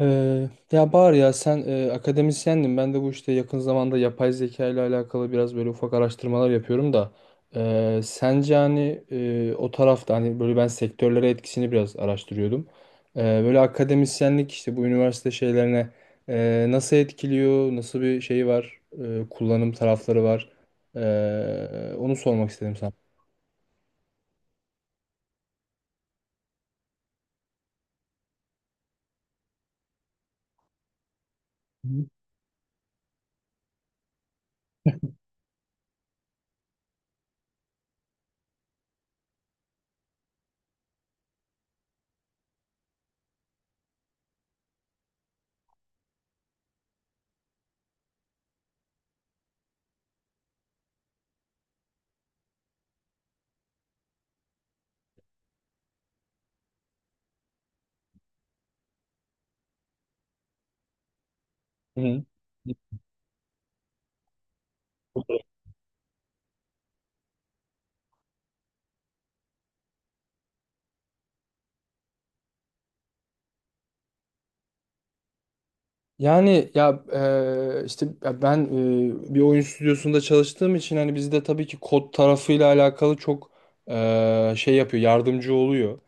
Ya Bahar, ya sen akademisyendin. Ben de bu işte yakın zamanda yapay zeka ile alakalı biraz böyle ufak araştırmalar yapıyorum da, sence hani, o tarafta hani böyle ben sektörlere etkisini biraz araştırıyordum. Böyle akademisyenlik işte bu üniversite şeylerine nasıl etkiliyor, nasıl bir şey var, kullanım tarafları var. Onu sormak istedim sana. Hı hı. Hı. Yani ya işte ya ben, bir oyun stüdyosunda çalıştığım için hani bizde tabii ki kod tarafıyla alakalı çok şey yapıyor, yardımcı oluyor.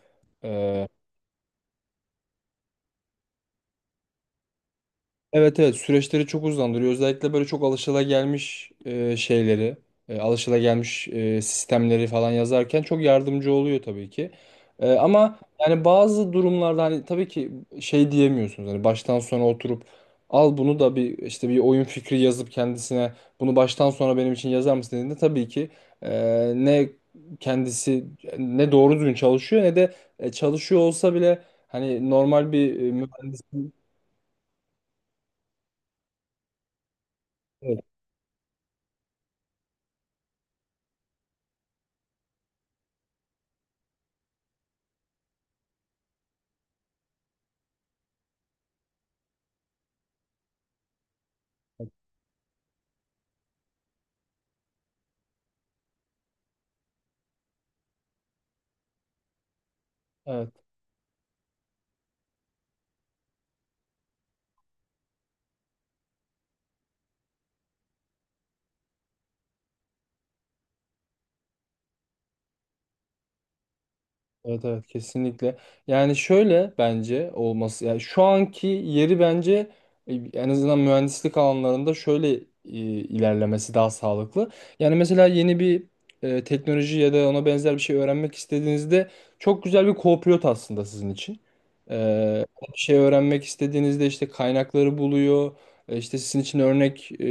Evet, evet, süreçleri çok uzandırıyor. Özellikle böyle çok alışılagelmiş şeyleri, alışılagelmiş sistemleri falan yazarken çok yardımcı oluyor tabii ki. Ama yani bazı durumlarda hani tabii ki şey diyemiyorsunuz. Hani baştan sona oturup al bunu da bir işte bir oyun fikri yazıp kendisine bunu baştan sona benim için yazar mısın dediğinde tabii ki ne kendisi ne doğru düzgün çalışıyor, ne de çalışıyor olsa bile hani normal bir mühendisin. Evet. Evet. Evet, evet, kesinlikle. Yani şöyle bence olması yani şu anki yeri bence, en azından mühendislik alanlarında şöyle ilerlemesi daha sağlıklı. Yani mesela yeni bir teknoloji ya da ona benzer bir şey öğrenmek istediğinizde çok güzel bir co-pilot aslında sizin için. E, Bir şey öğrenmek istediğinizde işte kaynakları buluyor. İşte sizin için örnek,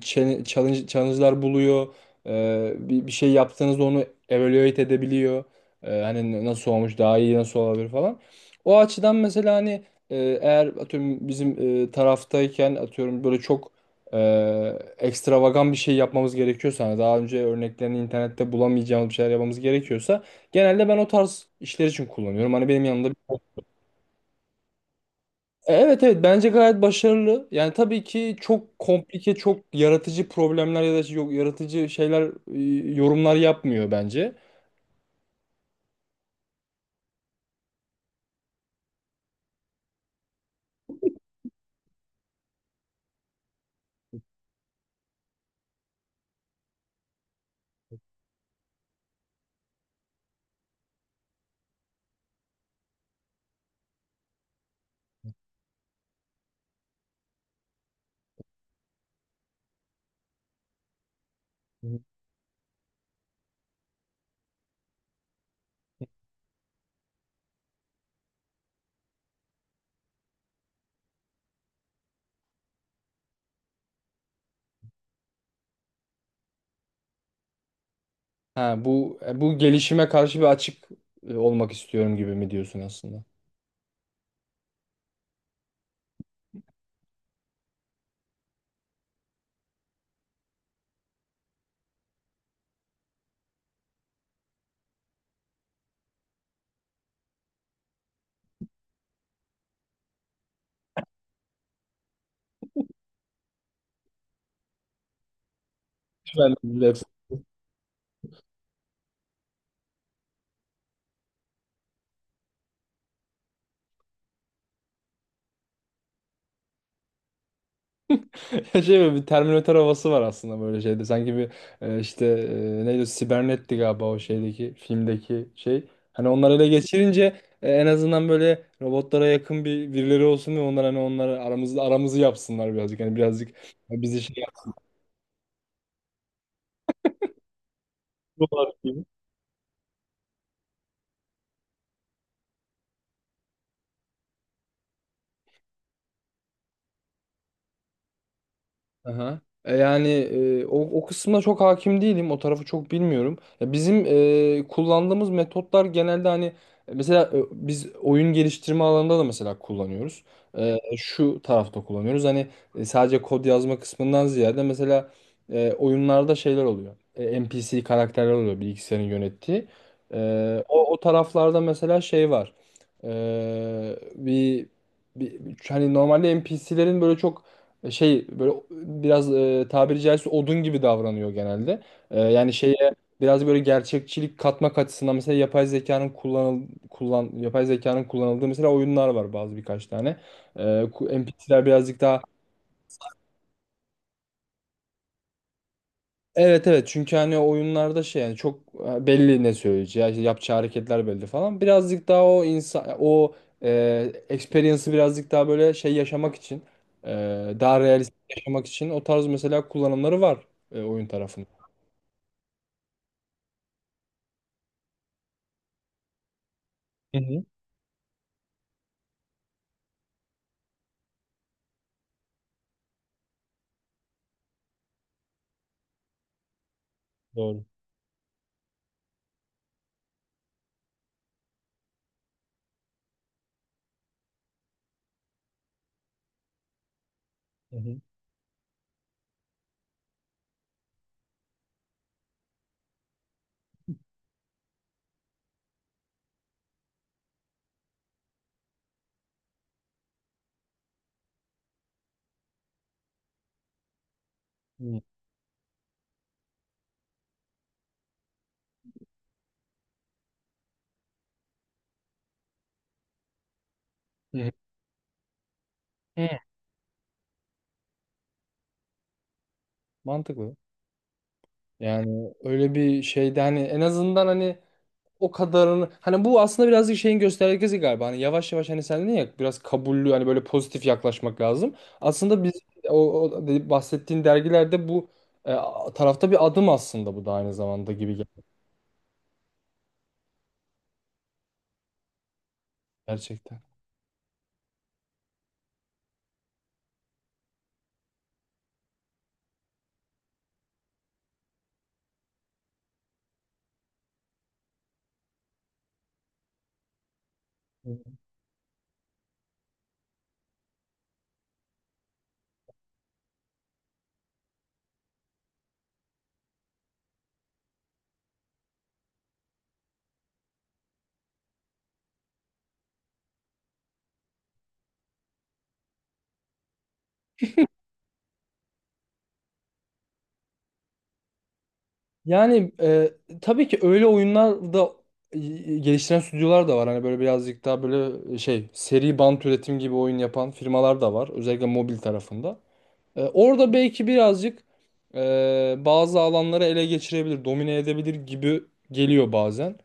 challenge'lar buluyor. Bir şey yaptığınızda onu evaluate edebiliyor. Hani nasıl olmuş, daha iyi nasıl olabilir falan. O açıdan mesela hani e, eğer atıyorum bizim taraftayken atıyorum böyle çok e, ekstravagan bir şey yapmamız gerekiyorsa, hani daha önce örneklerini internette bulamayacağımız bir şeyler yapmamız gerekiyorsa genelde ben o tarz işler için kullanıyorum. Hani benim yanımda. Evet, evet, bence gayet başarılı. Yani tabii ki çok komplike, çok yaratıcı problemler ya da yok yaratıcı şeyler, yorumlar yapmıyor bence. Ha, bu bu gelişime karşı bir açık olmak istiyorum gibi mi diyorsun aslında? Ben de- Şey, böyle bir Terminator havası var aslında böyle şeyde. Sanki bir işte neydi o? Sibernetti galiba o şeydeki filmdeki şey. Hani onları ele geçirince, en azından böyle robotlara yakın bir birileri olsun ve onlar hani onları aramızda aramızı yapsınlar birazcık. Hani birazcık bizi şey yapsınlar. Aha. Yani o kısmına çok hakim değilim. O tarafı çok bilmiyorum. Ya bizim kullandığımız metotlar genelde hani mesela biz oyun geliştirme alanında da mesela kullanıyoruz. Şu tarafta kullanıyoruz. Hani sadece kod yazma kısmından ziyade mesela oyunlarda şeyler oluyor. NPC karakterler oluyor, bilgisayarın yönettiği. O taraflarda mesela şey var. E, bir, bir, Hani normalde NPC'lerin böyle çok, şey, böyle biraz, tabiri caizse odun gibi davranıyor genelde. Yani şeye biraz böyle gerçekçilik katmak açısından mesela yapay zekanın kullanıldığı mesela oyunlar var, bazı birkaç tane. NPC'ler birazcık daha... Evet, evet, çünkü hani oyunlarda şey, yani çok belli ne söyleyeceği, işte yapacağı hareketler belli falan. Birazcık daha o insan, o experience'ı birazcık daha böyle şey yaşamak için, daha realist yaşamak için o tarz mesela kullanımları var oyun tarafında. Hı hı, doğru. Hı hı. Hı. Hı hı. Hı. Mantıklı. Yani öyle bir şeyde hani en azından hani o kadarını hani bu aslında birazcık şeyin göstergesi galiba. Hani yavaş yavaş, hani sen dedin ya, biraz kabullü hani böyle pozitif yaklaşmak lazım. Aslında biz bahsettiğin dergilerde bu, e, tarafta bir adım aslında, bu da aynı zamanda gibi geldi gerçekten. Yani tabii ki öyle oyunlar da, e, geliştiren stüdyolar da var. Hani böyle birazcık daha böyle şey, seri bant üretim gibi oyun yapan firmalar da var. Özellikle mobil tarafında. Orada belki birazcık bazı alanları ele geçirebilir, domine edebilir gibi geliyor bazen.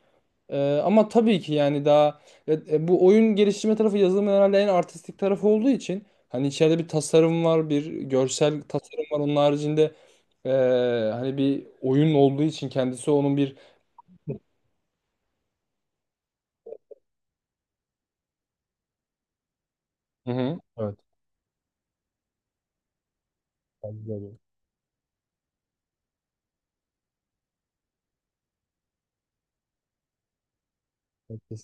Ama tabii ki yani daha bu oyun geliştirme tarafı yazılımın herhalde en artistik tarafı olduğu için, hani içeride bir tasarım var, bir görsel tasarım var. Onun haricinde e, hani bir oyun olduğu için kendisi onun bir... Hı hı. Evet. Bence de.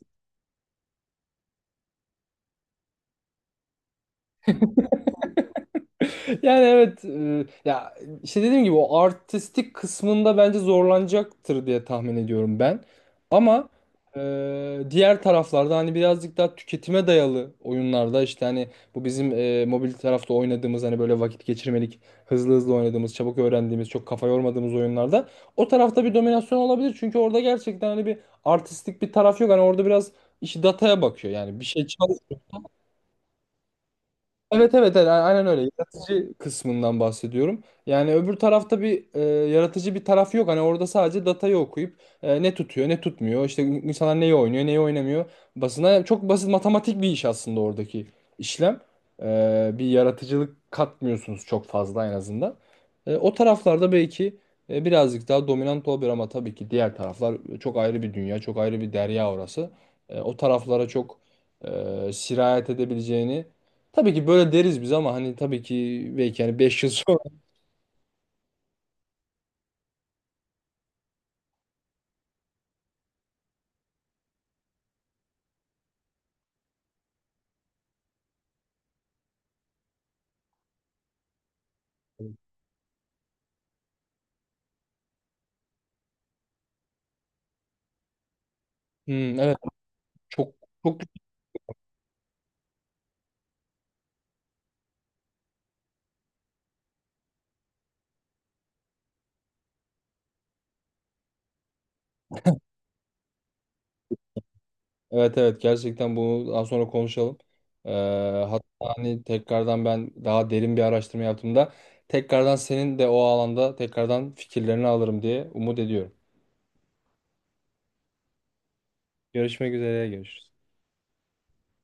Yani evet, ya işte dediğim gibi o artistik kısmında bence zorlanacaktır diye tahmin ediyorum ben. Ama diğer taraflarda hani birazcık daha tüketime dayalı oyunlarda, işte hani bu bizim mobil tarafta oynadığımız, hani böyle vakit geçirmelik, hızlı hızlı oynadığımız, çabuk öğrendiğimiz, çok kafa yormadığımız oyunlarda o tarafta bir dominasyon olabilir. Çünkü orada gerçekten hani bir artistik bir taraf yok. Hani orada biraz işi dataya bakıyor, yani bir şey... Evet, evet, evet, aynen öyle. Yaratıcı kısmından bahsediyorum. Yani öbür tarafta bir yaratıcı bir taraf yok. Hani orada sadece datayı okuyup, ne tutuyor ne tutmuyor. İşte insanlar neyi oynuyor, neyi oynamıyor. Basına çok basit matematik bir iş aslında oradaki işlem. Bir yaratıcılık katmıyorsunuz çok fazla, en azından. O taraflarda belki birazcık daha dominant olabilir, ama tabii ki diğer taraflar çok ayrı bir dünya, çok ayrı bir derya orası. O taraflara çok sirayet edebileceğini... Tabii ki böyle deriz biz, ama hani tabii ki belki hani 5 yıl sonra. Hmm, evet, çok çok, evet, evet, gerçekten bunu daha sonra konuşalım. Ee, Hatta hani tekrardan ben daha derin bir araştırma yaptığımda, tekrardan senin de o alanda tekrardan fikirlerini alırım diye umut ediyorum. Görüşmek üzere, görüşürüz.